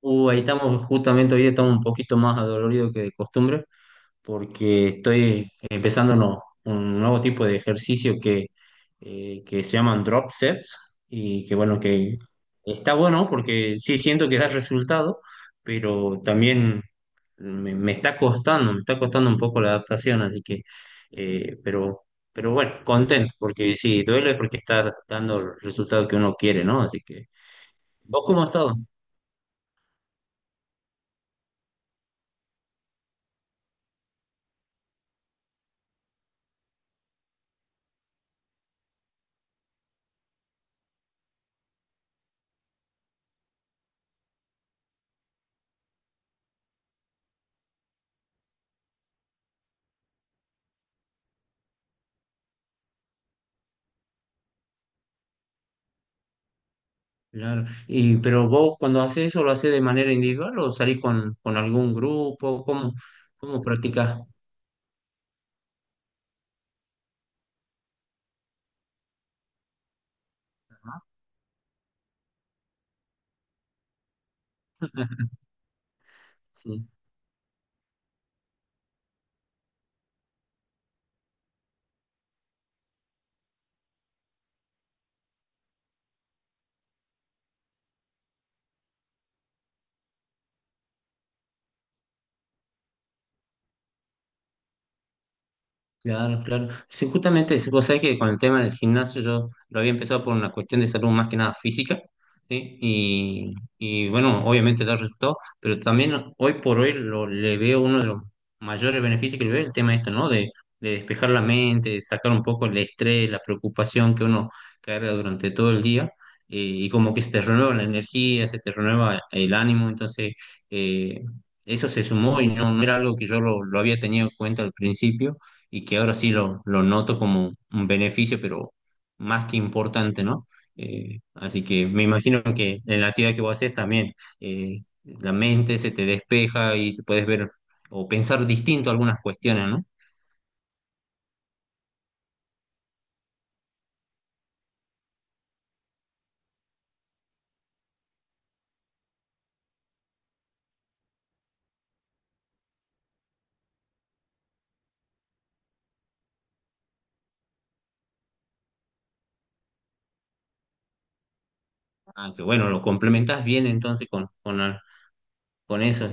Ahí estamos, justamente hoy estamos un poquito más adoloridos que de costumbre, porque estoy empezando un nuevo tipo de ejercicio que se llaman drop sets, y que bueno, que está bueno porque sí siento que da resultado, pero también me está costando, me está costando un poco la adaptación, así que, eh, pero, pero bueno, contento, porque sí, duele porque está dando el resultado que uno quiere, ¿no? Así que, ¿vos cómo has estado? Claro. Y, pero vos cuando haces eso, ¿lo haces de manera individual o salís con algún grupo? ¿Cómo, cómo practicás? Sí. Claro, claro. Sí, justamente, sí, vos sabés que con el tema del gimnasio yo lo había empezado por una cuestión de salud más que nada física, ¿sí? Y bueno, obviamente da resultado, pero también hoy por hoy le veo uno de los mayores beneficios que le veo, el tema esto, ¿no? De despejar la mente, de sacar un poco el estrés, la preocupación que uno carga durante todo el día, y como que se te renueva la energía, se te renueva el ánimo, entonces eh, eso se sumó y no, no era algo que yo lo había tenido en cuenta al principio y que ahora sí lo noto como un beneficio, pero más que importante, ¿no? Así que me imagino que en la actividad que vos haces también la mente se te despeja y te puedes ver o pensar distinto algunas cuestiones, ¿no? Ah, que bueno, lo complementas bien entonces con eso.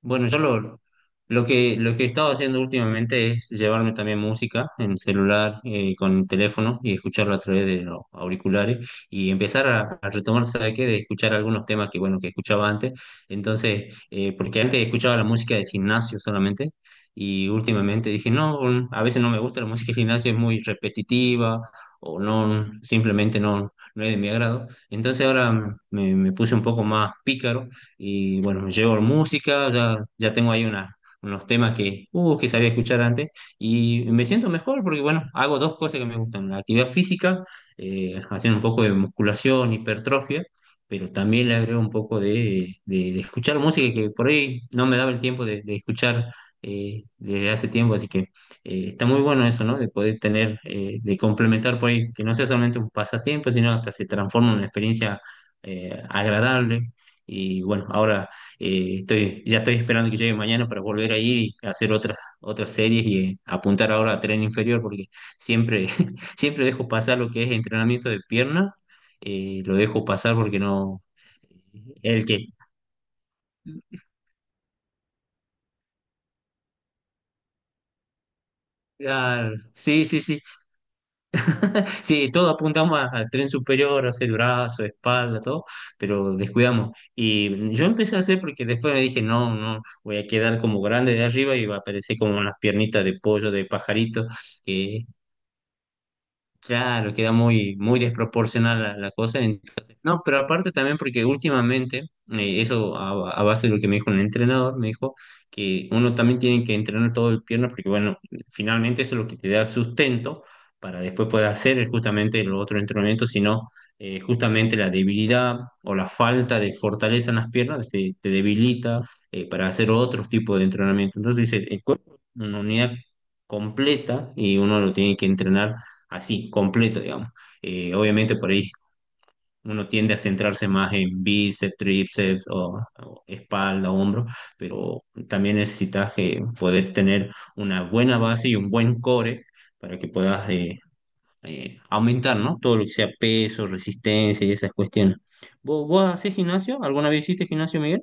Bueno, lo que he estado haciendo últimamente es llevarme también música en celular, con teléfono y escucharlo a través de los auriculares y empezar a retomar, ¿sabe qué? De escuchar algunos temas que, bueno, que escuchaba antes. Entonces, porque antes escuchaba la música del gimnasio solamente y últimamente dije, no, mm, a veces no me gusta la música del gimnasio, es muy repetitiva o no, simplemente no, no es de mi agrado. Entonces ahora me puse un poco más pícaro y bueno, me llevo música, ya, ya tengo ahí unos temas que que sabía escuchar antes y me siento mejor porque, bueno, hago dos cosas que me gustan, la actividad física, haciendo un poco de musculación, hipertrofia, pero también le agrego un poco de, de escuchar música que por ahí no me daba el tiempo de escuchar desde hace tiempo, así que está muy bueno eso, ¿no? De poder tener, de complementar por ahí, que no sea solamente un pasatiempo, sino hasta se transforma en una experiencia agradable y bueno, ahora estoy, ya estoy esperando que llegue mañana para volver a ir y hacer otras, otras series y apuntar ahora a tren inferior, porque siempre, siempre dejo pasar lo que es entrenamiento de pierna, lo dejo pasar porque no, el que... Ah, sí, sí, sí. Sí, todos apuntamos al tren superior, a hacer brazo, espalda, todo, pero descuidamos. Y yo empecé a hacer porque después me dije, no, no, voy a quedar como grande de arriba y va a aparecer como unas piernitas de pollo, de pajarito. Claro, queda muy, muy desproporcional la, la cosa. Entonces, no, pero aparte también porque últimamente, eso a base de lo que me dijo el entrenador, me dijo que uno también tiene que entrenar todo el pierna porque, bueno, finalmente eso es lo que te da sustento para después poder hacer justamente el otro entrenamiento, sino justamente la debilidad o la falta de fortaleza en las piernas te debilita para hacer otros tipos de entrenamiento. Entonces dice, el cuerpo es una unidad completa y uno lo tiene que entrenar así, completo, digamos. Obviamente por ahí uno tiende a centrarse más en bíceps, tríceps o espalda, hombro, pero también necesitas poder tener una buena base y un buen core para que puedas aumentar, ¿no? Todo lo que sea peso, resistencia y esas cuestiones. ¿Vos, vos haces gimnasio? ¿Alguna vez hiciste gimnasio, Miguel?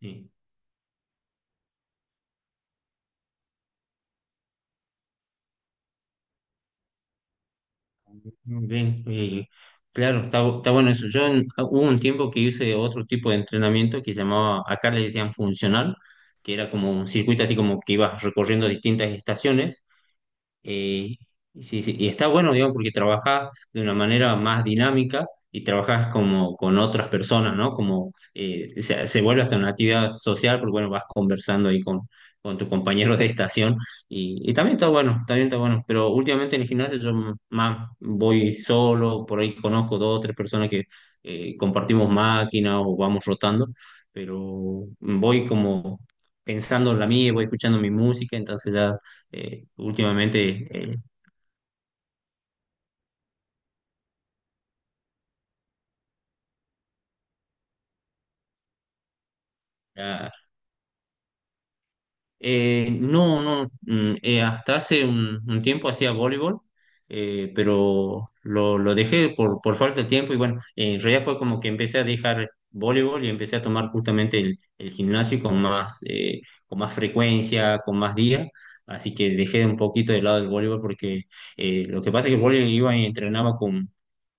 Sí. Muy bien, claro, está, está bueno eso. Yo ah, hubo un tiempo que hice otro tipo de entrenamiento que llamaba, acá le decían funcional, que era como un circuito así como que ibas recorriendo distintas estaciones, eh, sí, sí, y está bueno, digamos, porque trabajás de una manera más dinámica y trabajás como con otras personas, ¿no? Como se, se vuelve hasta una actividad social, porque bueno, vas conversando ahí con tus compañeros de estación y también está bueno, pero últimamente en el gimnasio yo más voy solo, por ahí conozco dos o tres personas que compartimos máquina o vamos rotando, pero voy como pensando en la mía, voy escuchando mi música, entonces ya últimamente eh, está. No, no, hasta hace un tiempo hacía voleibol, pero lo dejé por falta de tiempo y bueno, en realidad fue como que empecé a dejar voleibol y empecé a tomar justamente el gimnasio con más frecuencia, con más días, así que dejé un poquito de lado el voleibol porque lo que pasa es que el voleibol iba y entrenaba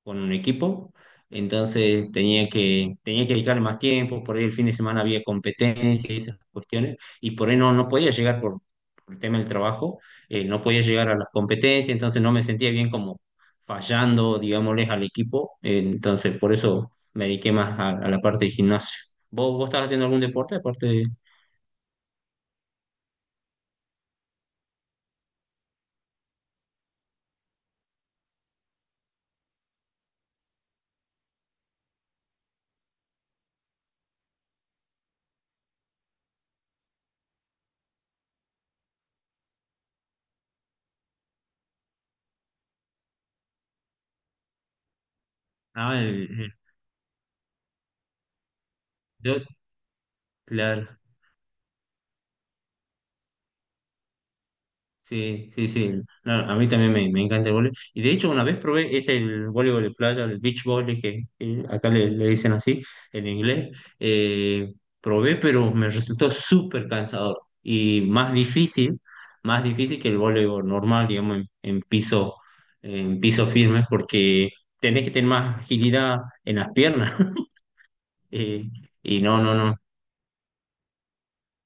con un equipo. Entonces tenía que dedicarle más tiempo, por ahí el fin de semana había competencias y esas cuestiones y por ahí no, no podía llegar por el tema del trabajo, no podía llegar a las competencias, entonces no me sentía bien como fallando, digámosles, al equipo, entonces por eso me dediqué más a la parte de gimnasio. ¿Vos, vos estás haciendo algún deporte aparte de... Ah, yo, claro. Sí, sí, sí. No, a mí también me encanta el voleibol. Y de hecho, una vez probé, es el voleibol de playa, el beach volley, que acá le dicen así en inglés. Eh, Probé, pero me resultó súper cansador y más difícil que el voleibol normal, digamos, en piso firme, porque tenés que tener más agilidad en las piernas. Eh, y no, no, no,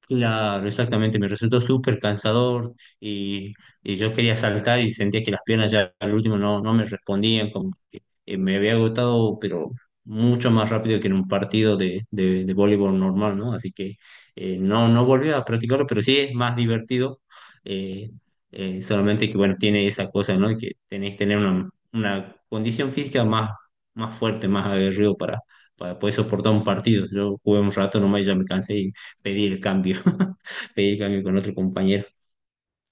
claro, exactamente, me resultó súper cansador y, y yo quería saltar y sentía que las piernas ya al último no, no me respondían, como que me había agotado, pero mucho más rápido que en un partido de voleibol normal, ¿no? Así que no, no volví a practicarlo, pero sí es más divertido, eh, solamente que, bueno, tiene esa cosa, ¿no? Que tenés que tener una condición física más, más fuerte, más aguerrido para poder soportar un partido. Yo jugué un rato nomás y ya me cansé, pedir el cambio, pedir el cambio con otro compañero.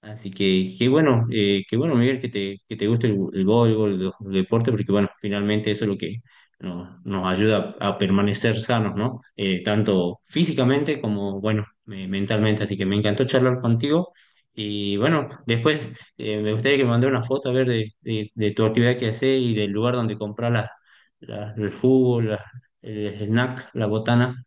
Así que qué bueno, Miguel, que te guste el voleibol, los deportes, porque bueno, finalmente eso es lo que nos, nos ayuda a permanecer sanos, ¿no? Tanto físicamente como, bueno, mentalmente. Así que me encantó charlar contigo. Y bueno, después me gustaría que me mandes una foto a ver de tu actividad que haces y del lugar donde compras las, el jugo, el snack, la botana.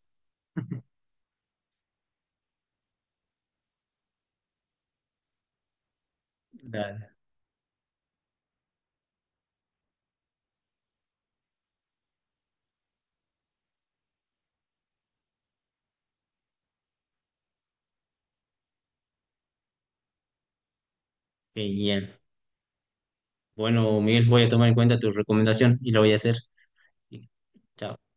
Dale, genial. Bueno, Miguel, voy a tomar en cuenta tu recomendación y lo voy a hacer. Chao.